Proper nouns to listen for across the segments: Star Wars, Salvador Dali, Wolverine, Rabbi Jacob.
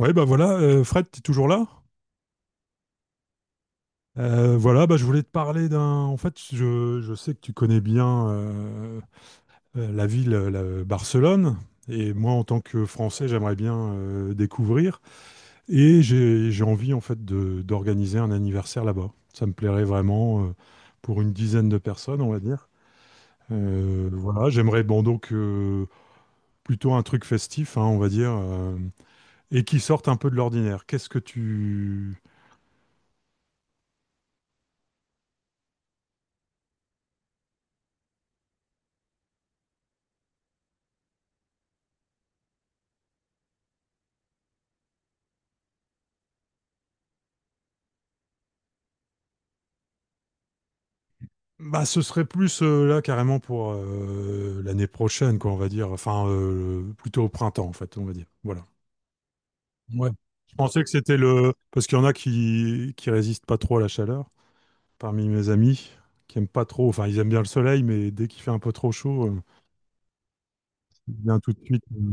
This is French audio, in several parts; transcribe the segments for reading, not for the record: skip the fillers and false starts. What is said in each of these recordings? Ouais, bah voilà, Fred, tu es toujours là? Voilà, bah, je voulais te parler d'un. En fait, je sais que tu connais bien la ville, Barcelone, et moi, en tant que Français, j'aimerais bien découvrir. Et j'ai envie, en fait, d'organiser un anniversaire là-bas. Ça me plairait vraiment pour une dizaine de personnes, on va dire. Voilà, j'aimerais, bon, donc, plutôt un truc festif, hein, on va dire, et qui sorte un peu de l'ordinaire. Qu'est-ce que tu Bah, ce serait plus là carrément pour l'année prochaine, quoi, on va dire. Enfin, plutôt au printemps, en fait, on va dire. Voilà. Ouais. Je pensais que c'était le... Parce qu'il y en a qui résistent pas trop à la chaleur, parmi mes amis, qui aiment pas trop... Enfin, ils aiment bien le soleil, mais dès qu'il fait un peu trop chaud, ils viennent tout de suite.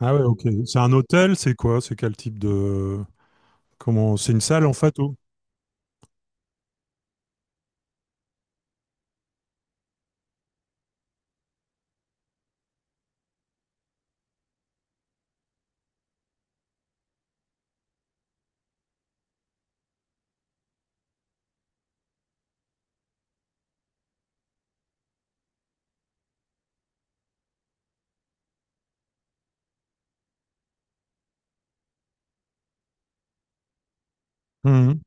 Ah ouais, ok. C'est un hôtel, c'est quoi? C'est quel type de... Comment... C'est une salle, en fait, ou...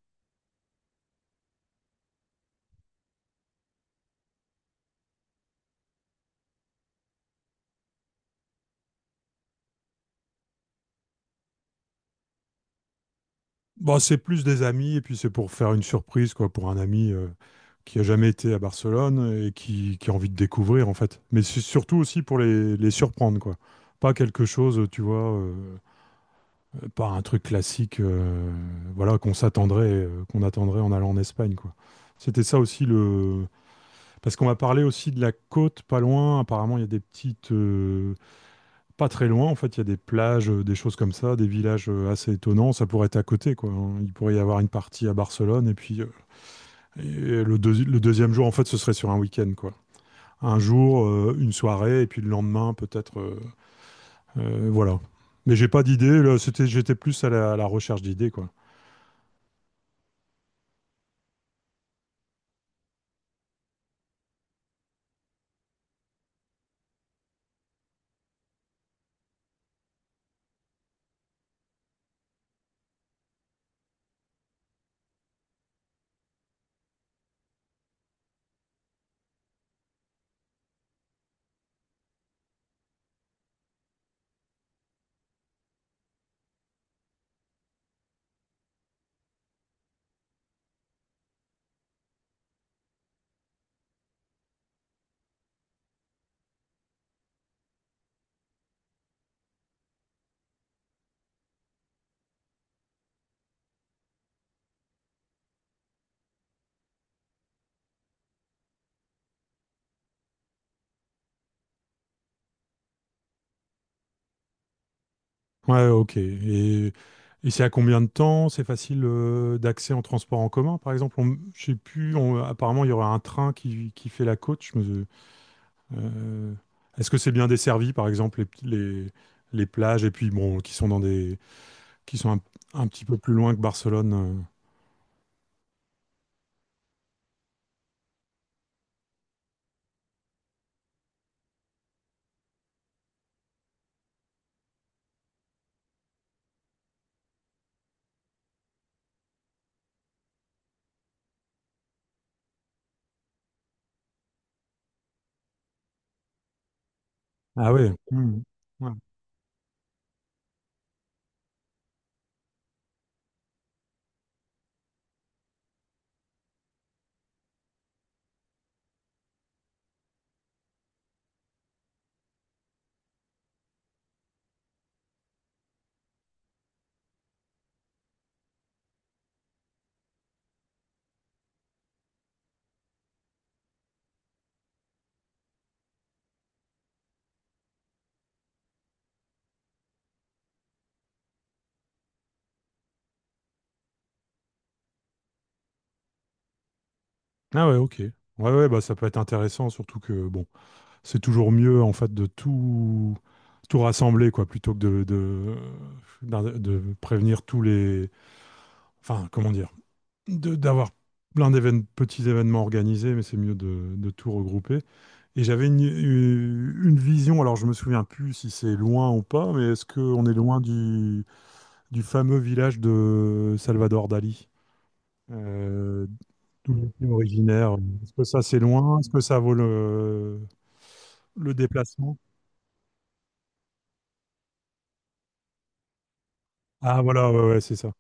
Bon, c'est plus des amis, et puis c'est pour faire une surprise, quoi, pour un ami qui a jamais été à Barcelone et qui a envie de découvrir, en fait. Mais c'est surtout aussi pour les surprendre, quoi. Pas quelque chose, tu vois, pas un truc classique, voilà, qu'on s'attendrait, qu'on attendrait en allant en Espagne, quoi. C'était ça aussi le... Parce qu'on m'a parlé aussi de la côte, pas loin. Apparemment, il y a des petites... pas très loin, en fait, il y a des plages, des choses comme ça, des villages assez étonnants. Ça pourrait être à côté, quoi. Hein. Il pourrait y avoir une partie à Barcelone, et puis le deuxième jour, en fait, ce serait sur un week-end, quoi. Un jour, une soirée, et puis le lendemain, peut-être, voilà. Mais j'ai pas d'idée. Là, c'était, j'étais plus à la recherche d'idées, quoi. Ouais, ok. Et c'est à combien de temps? C'est facile d'accès en transport en commun, par exemple? On- Je sais plus. On- apparemment, il y aura un train qui fait la côte. Je me, Euh, est-ce que c'est bien desservi, par exemple, les, les plages, et puis bon, qui sont dans des, qui sont un petit peu plus loin que Barcelone. Ah ouais. Hmm, ouais. Ah ouais, ok. Ouais, ouais, bah ça peut être intéressant, surtout que bon, c'est toujours mieux en fait de tout, tout rassembler, quoi, plutôt que de prévenir tous les. Enfin, comment dire? D'avoir plein d'événements, petits événements organisés, mais c'est mieux de tout regrouper. Et j'avais une vision, alors je me souviens plus si c'est loin ou pas, mais est-ce qu'on est loin du fameux village de Salvador Dali, euh, d'où il est originaire? Est-ce que ça c'est loin? Est-ce que ça vaut le déplacement? Ah voilà, ouais, ouais, c'est ça.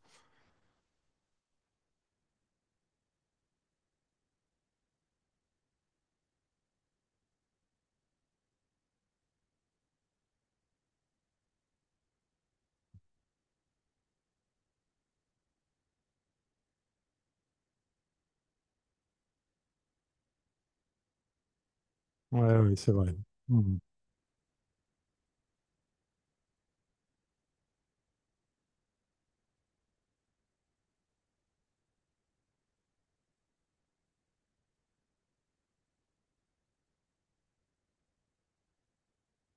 Ouais, ouais, c'est vrai. Mhm.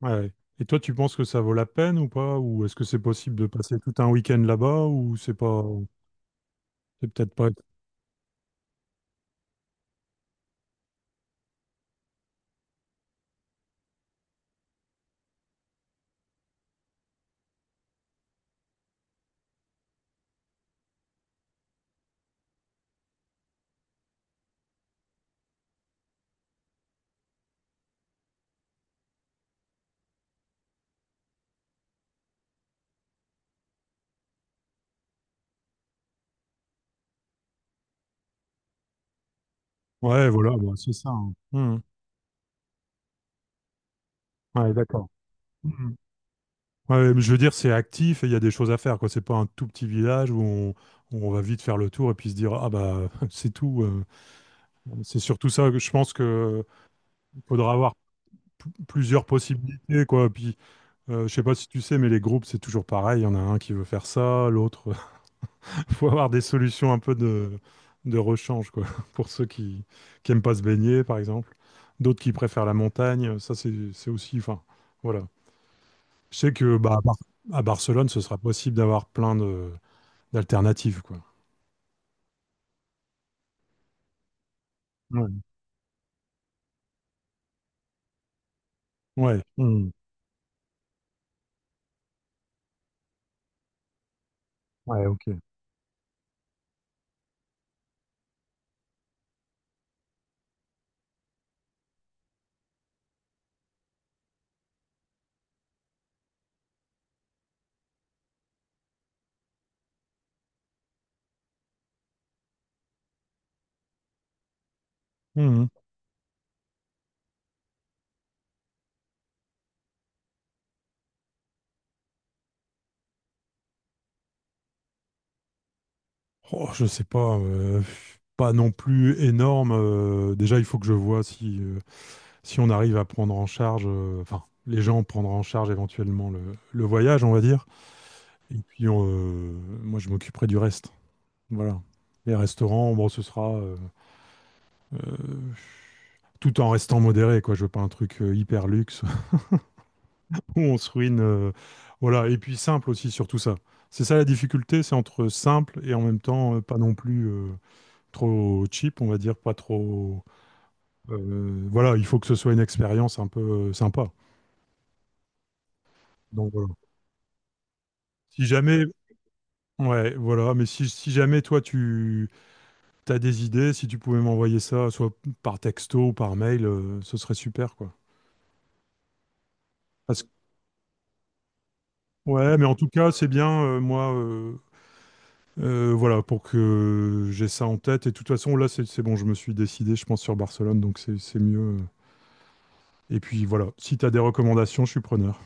Ouais, ouais. Et toi, tu penses que ça vaut la peine ou pas? Ou est-ce que c'est possible de passer tout un week-end là-bas ou c'est pas... C'est peut-être pas. Ouais, voilà, bah, c'est ça. Hein. Mhm. Ouais, d'accord. Mhm. Ouais, mais je veux dire, c'est actif et il y a des choses à faire, quoi. C'est pas un tout petit village où on, où on va vite faire le tour et puis se dire, ah bah, c'est tout. C'est surtout ça que je pense que faudra avoir plusieurs possibilités, quoi. Puis, je sais pas si tu sais, mais les groupes, c'est toujours pareil. Il y en a un qui veut faire ça, l'autre. Faut avoir des solutions un peu de rechange, quoi. Pour ceux qui aiment pas se baigner, par exemple. D'autres qui préfèrent la montagne. Ça, c'est aussi. Enfin, voilà. Je sais que bah, à Barcelone, ce sera possible d'avoir plein de d'alternatives, quoi. Ouais. Ouais. Hmm. Ouais, ok. Hmm. Oh, je sais pas. Pas non plus énorme. Déjà, il faut que je vois si, si on arrive à prendre en charge, enfin, les gens prendront en charge éventuellement le voyage, on va dire. Et puis, on, moi, je m'occuperai du reste. Voilà. Les restaurants, bon, ce sera euh, tout en restant modéré, quoi. Je veux pas un truc hyper luxe. Où on se ruine. Voilà, et puis simple aussi sur tout ça. C'est ça la difficulté, c'est entre simple et en même temps pas non plus trop cheap, on va dire, pas trop. Voilà, il faut que ce soit une expérience un peu sympa. Donc voilà. Si jamais, ouais, voilà, mais si, si jamais toi tu as des idées, si tu pouvais m'envoyer ça, soit par texto ou par mail, ce serait super, quoi. Parce que- ouais, mais en tout cas, c'est bien, moi. Voilà, pour que j'ai ça en tête. Et de toute façon, là, c'est bon, je me suis décidé, je pense, sur Barcelone, donc c'est mieux. Et puis voilà, si tu as des recommandations, je suis preneur.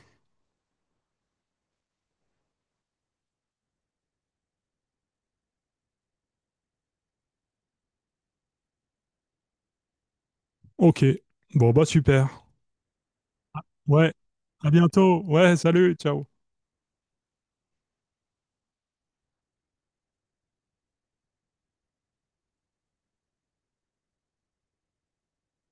Ok, bon, bah super. Ouais, à bientôt. Ouais, salut, ciao.